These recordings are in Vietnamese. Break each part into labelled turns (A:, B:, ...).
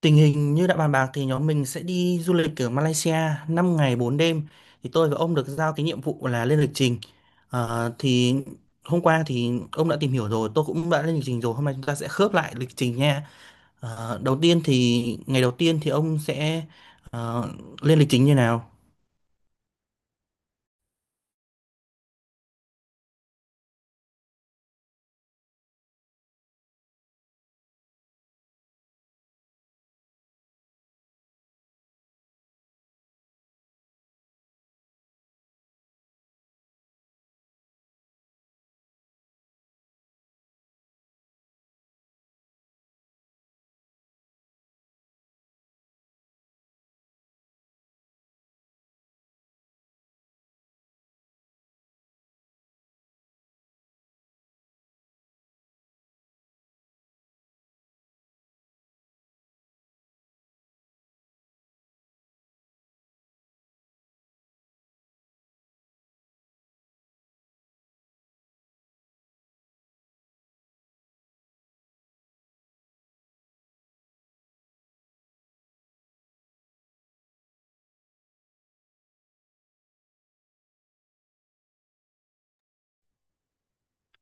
A: Tình hình như đã bàn bạc thì nhóm mình sẽ đi du lịch ở Malaysia 5 ngày 4 đêm. Thì tôi và ông được giao cái nhiệm vụ là lên lịch trình. Thì hôm qua thì ông đã tìm hiểu rồi, tôi cũng đã lên lịch trình rồi. Hôm nay chúng ta sẽ khớp lại lịch trình nha. Đầu tiên thì ngày đầu tiên thì ông sẽ ờ, lên lịch trình như nào?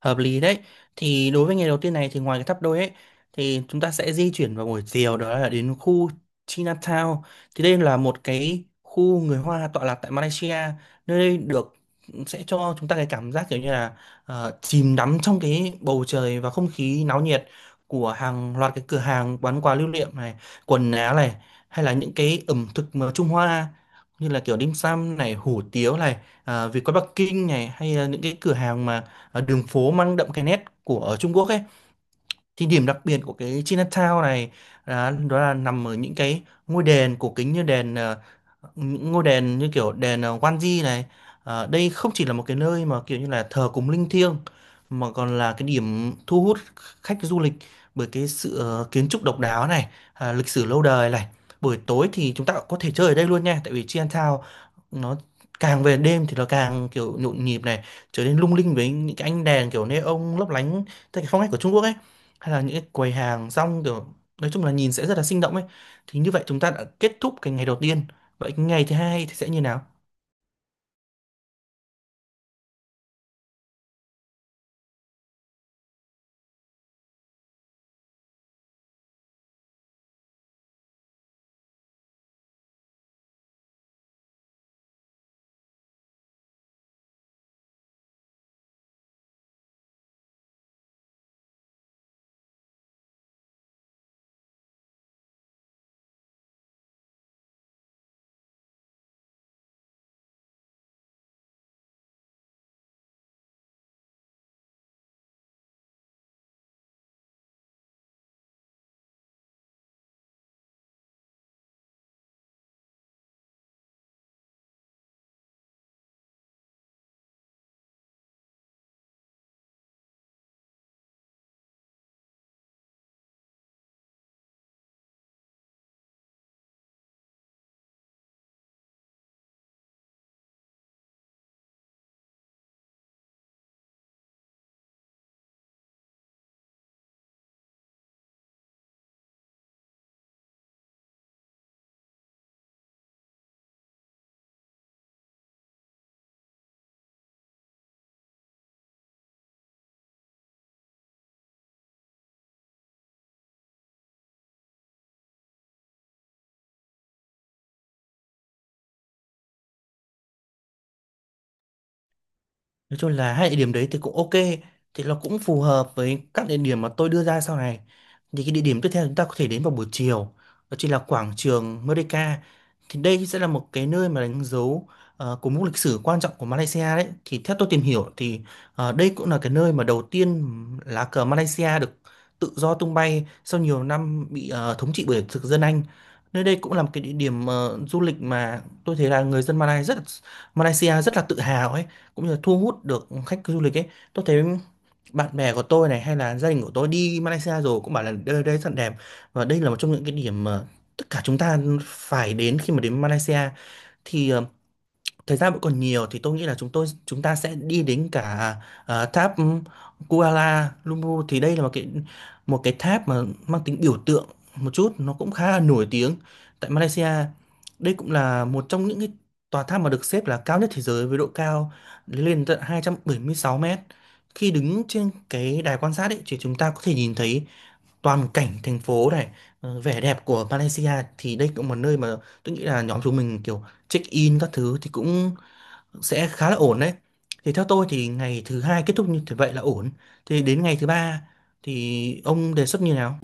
A: Hợp lý đấy. Thì đối với ngày đầu tiên này thì ngoài cái tháp đôi ấy thì chúng ta sẽ di chuyển vào buổi chiều, đó là đến khu Chinatown. Thì đây là một cái khu người Hoa tọa lạc tại Malaysia. Nơi đây được sẽ cho chúng ta cái cảm giác kiểu như là chìm đắm trong cái bầu trời và không khí náo nhiệt của hàng loạt cái cửa hàng bán quà lưu niệm này, quần áo này, hay là những cái ẩm thực mà Trung Hoa như là kiểu dim sum này, hủ tiếu này, à, vịt quay Bắc Kinh này, hay là những cái cửa hàng mà đường phố mang đậm cái nét của ở Trung Quốc ấy. Thì điểm đặc biệt của cái Chinatown này là đó là nằm ở những cái ngôi đền cổ kính, như đền những ngôi đền như kiểu đền Wanji này. Ờ, đây không chỉ là một cái nơi mà kiểu như là thờ cúng linh thiêng, mà còn là cái điểm thu hút khách du lịch bởi cái sự kiến trúc độc đáo này, à, lịch sử lâu đời này. Buổi tối thì chúng ta cũng có thể chơi ở đây luôn nha, tại vì Chinatown nó càng về đêm thì nó càng kiểu nhộn nhịp này, trở nên lung linh với những cái ánh đèn kiểu neon lấp lánh theo cái phong cách của Trung Quốc ấy, hay là những cái quầy hàng rong kiểu nói chung là nhìn sẽ rất là sinh động ấy. Thì như vậy chúng ta đã kết thúc cái ngày đầu tiên. Vậy cái ngày thứ hai thì sẽ như nào? Nói chung là hai địa điểm đấy thì cũng ok, thì nó cũng phù hợp với các địa điểm mà tôi đưa ra sau này. Thì cái địa điểm tiếp theo chúng ta có thể đến vào buổi chiều đó chính là quảng trường Merdeka. Thì đây sẽ là một cái nơi mà đánh dấu của mốc lịch sử quan trọng của Malaysia đấy. Thì theo tôi tìm hiểu thì đây cũng là cái nơi mà đầu tiên lá cờ Malaysia được tự do tung bay sau nhiều năm bị thống trị bởi thực dân Anh. Nơi đây cũng là một cái địa điểm du lịch mà tôi thấy là người dân Malaysia rất là tự hào ấy, cũng như là thu hút được khách du lịch ấy. Tôi thấy bạn bè của tôi này hay là gia đình của tôi đi Malaysia rồi cũng bảo là đây đây rất là đẹp, và đây là một trong những cái điểm mà tất cả chúng ta phải đến khi mà đến Malaysia. Thì ờ, thời gian vẫn còn nhiều thì tôi nghĩ là chúng ta sẽ đi đến cả tháp Kuala Lumpur. Thì đây là một cái tháp mà mang tính biểu tượng một chút, nó cũng khá là nổi tiếng tại Malaysia. Đây cũng là một trong những cái tòa tháp mà được xếp là cao nhất thế giới, với độ cao lên tận 276 mét. Khi đứng trên cái đài quan sát ấy thì chúng ta có thể nhìn thấy toàn cảnh thành phố này, vẻ đẹp của Malaysia. Thì đây cũng là một nơi mà tôi nghĩ là nhóm chúng mình kiểu check in các thứ thì cũng sẽ khá là ổn đấy. Thì theo tôi thì ngày thứ hai kết thúc như thế vậy là ổn. Thì đến ngày thứ ba thì ông đề xuất như nào?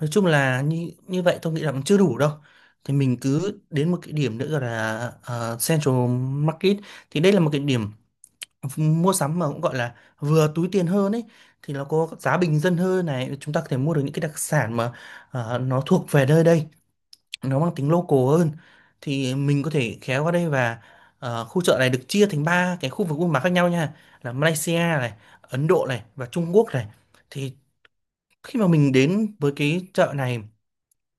A: Nói chung là như như vậy tôi nghĩ là cũng chưa đủ đâu. Thì mình cứ đến một cái điểm nữa gọi là Central Market. Thì đây là một cái điểm mua sắm mà cũng gọi là vừa túi tiền hơn ấy. Thì nó có giá bình dân hơn này, chúng ta có thể mua được những cái đặc sản mà nó thuộc về nơi đây, nó mang tính local hơn. Thì mình có thể khéo qua đây, và khu chợ này được chia thành ba cái khu vực buôn bán khác nhau nha, là Malaysia này, Ấn Độ này và Trung Quốc này. Thì khi mà mình đến với cái chợ này,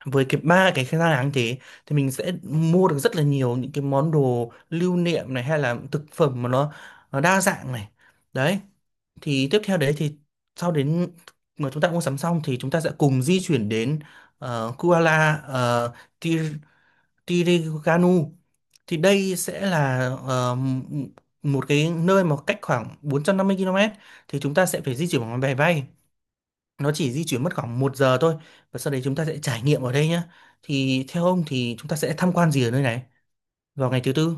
A: với cái ba cái gian hàng thế, thì mình sẽ mua được rất là nhiều những cái món đồ lưu niệm này, hay là thực phẩm mà nó đa dạng này đấy. Thì tiếp theo đấy thì sau đến mà chúng ta mua sắm xong thì chúng ta sẽ cùng di chuyển đến Kuala uh, Tiriganu. Thì đây sẽ là ờ, m- một cái nơi mà cách khoảng 450 km, thì chúng ta sẽ phải di chuyển bằng máy bay, nó chỉ di chuyển mất khoảng một giờ thôi, và sau đấy chúng ta sẽ trải nghiệm ở đây nhá. Thì theo ông thì chúng ta sẽ tham quan gì ở nơi này vào ngày thứ tư?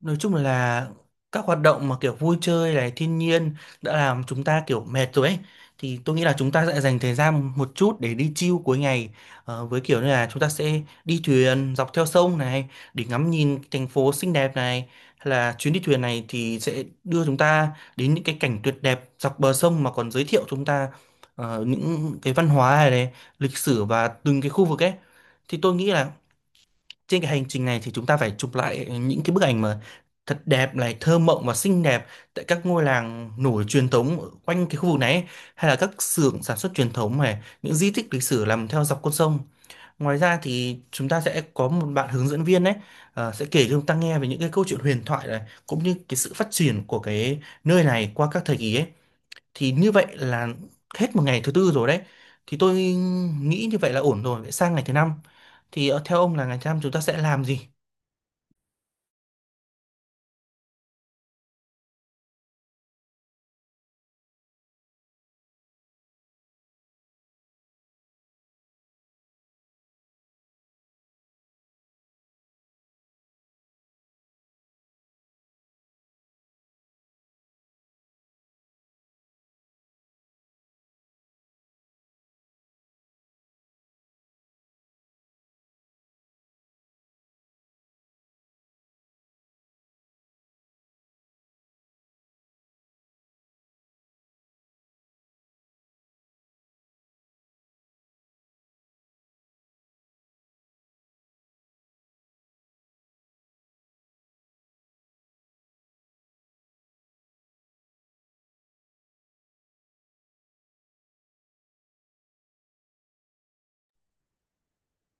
A: Nói chung là các hoạt động mà kiểu vui chơi này, thiên nhiên đã làm chúng ta kiểu mệt rồi ấy. Thì tôi nghĩ là chúng ta sẽ dành thời gian một chút để đi chill cuối ngày. Ờ, với kiểu như là chúng ta sẽ đi thuyền dọc theo sông này để ngắm nhìn thành phố xinh đẹp này. Hay là chuyến đi thuyền này thì sẽ đưa chúng ta đến những cái cảnh tuyệt đẹp dọc bờ sông, mà còn giới thiệu chúng ta những cái văn hóa này, lịch sử và từng cái khu vực ấy. Thì tôi nghĩ là trên cái hành trình này thì chúng ta phải chụp lại những cái bức ảnh mà thật đẹp này, thơ mộng và xinh đẹp tại các ngôi làng nổi truyền thống ở quanh cái khu vực này ấy, hay là các xưởng sản xuất truyền thống này, những di tích lịch sử nằm theo dọc con sông. Ngoài ra thì chúng ta sẽ có một bạn hướng dẫn viên đấy, sẽ kể cho chúng ta nghe về những cái câu chuyện huyền thoại này, cũng như cái sự phát triển của cái nơi này qua các thời kỳ ấy. Thì như vậy là hết một ngày thứ tư rồi đấy. Thì tôi nghĩ như vậy là ổn rồi. Vậy sang ngày thứ năm thì theo ông là ngày thứ năm chúng ta sẽ làm gì?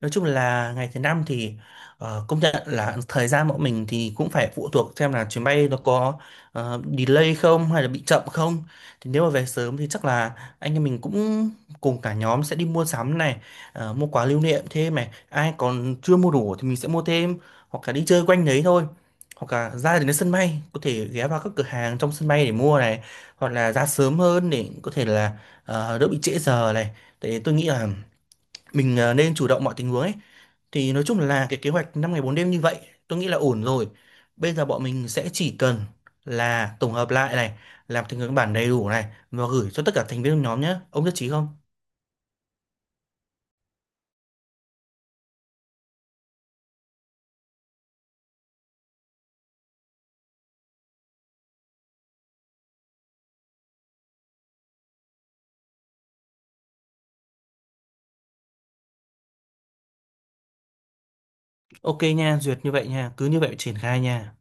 A: Nói chung là ngày thứ năm thì công nhận là thời gian bọn mình thì cũng phải phụ thuộc xem là chuyến bay nó có delay không hay là bị chậm không. Thì nếu mà về sớm thì chắc là anh em mình cũng cùng cả nhóm sẽ đi mua sắm này, mua quà lưu niệm thêm này. Ai còn chưa mua đủ thì mình sẽ mua thêm, hoặc là đi chơi quanh đấy thôi. Hoặc là ra đến sân bay có thể ghé vào các cửa hàng trong sân bay để mua này, hoặc là ra sớm hơn để có thể là đỡ bị trễ giờ này. Tại tôi nghĩ là mình nên chủ động mọi tình huống ấy. Thì nói chung là cái kế hoạch 5 ngày 4 đêm như vậy tôi nghĩ là ổn rồi. Bây giờ bọn mình sẽ chỉ cần là tổng hợp lại này, làm thành cái bản đầy đủ này, và gửi cho tất cả thành viên trong nhóm nhé. Ông nhất trí không? Ok nha, duyệt như vậy nha, cứ như vậy triển khai nha.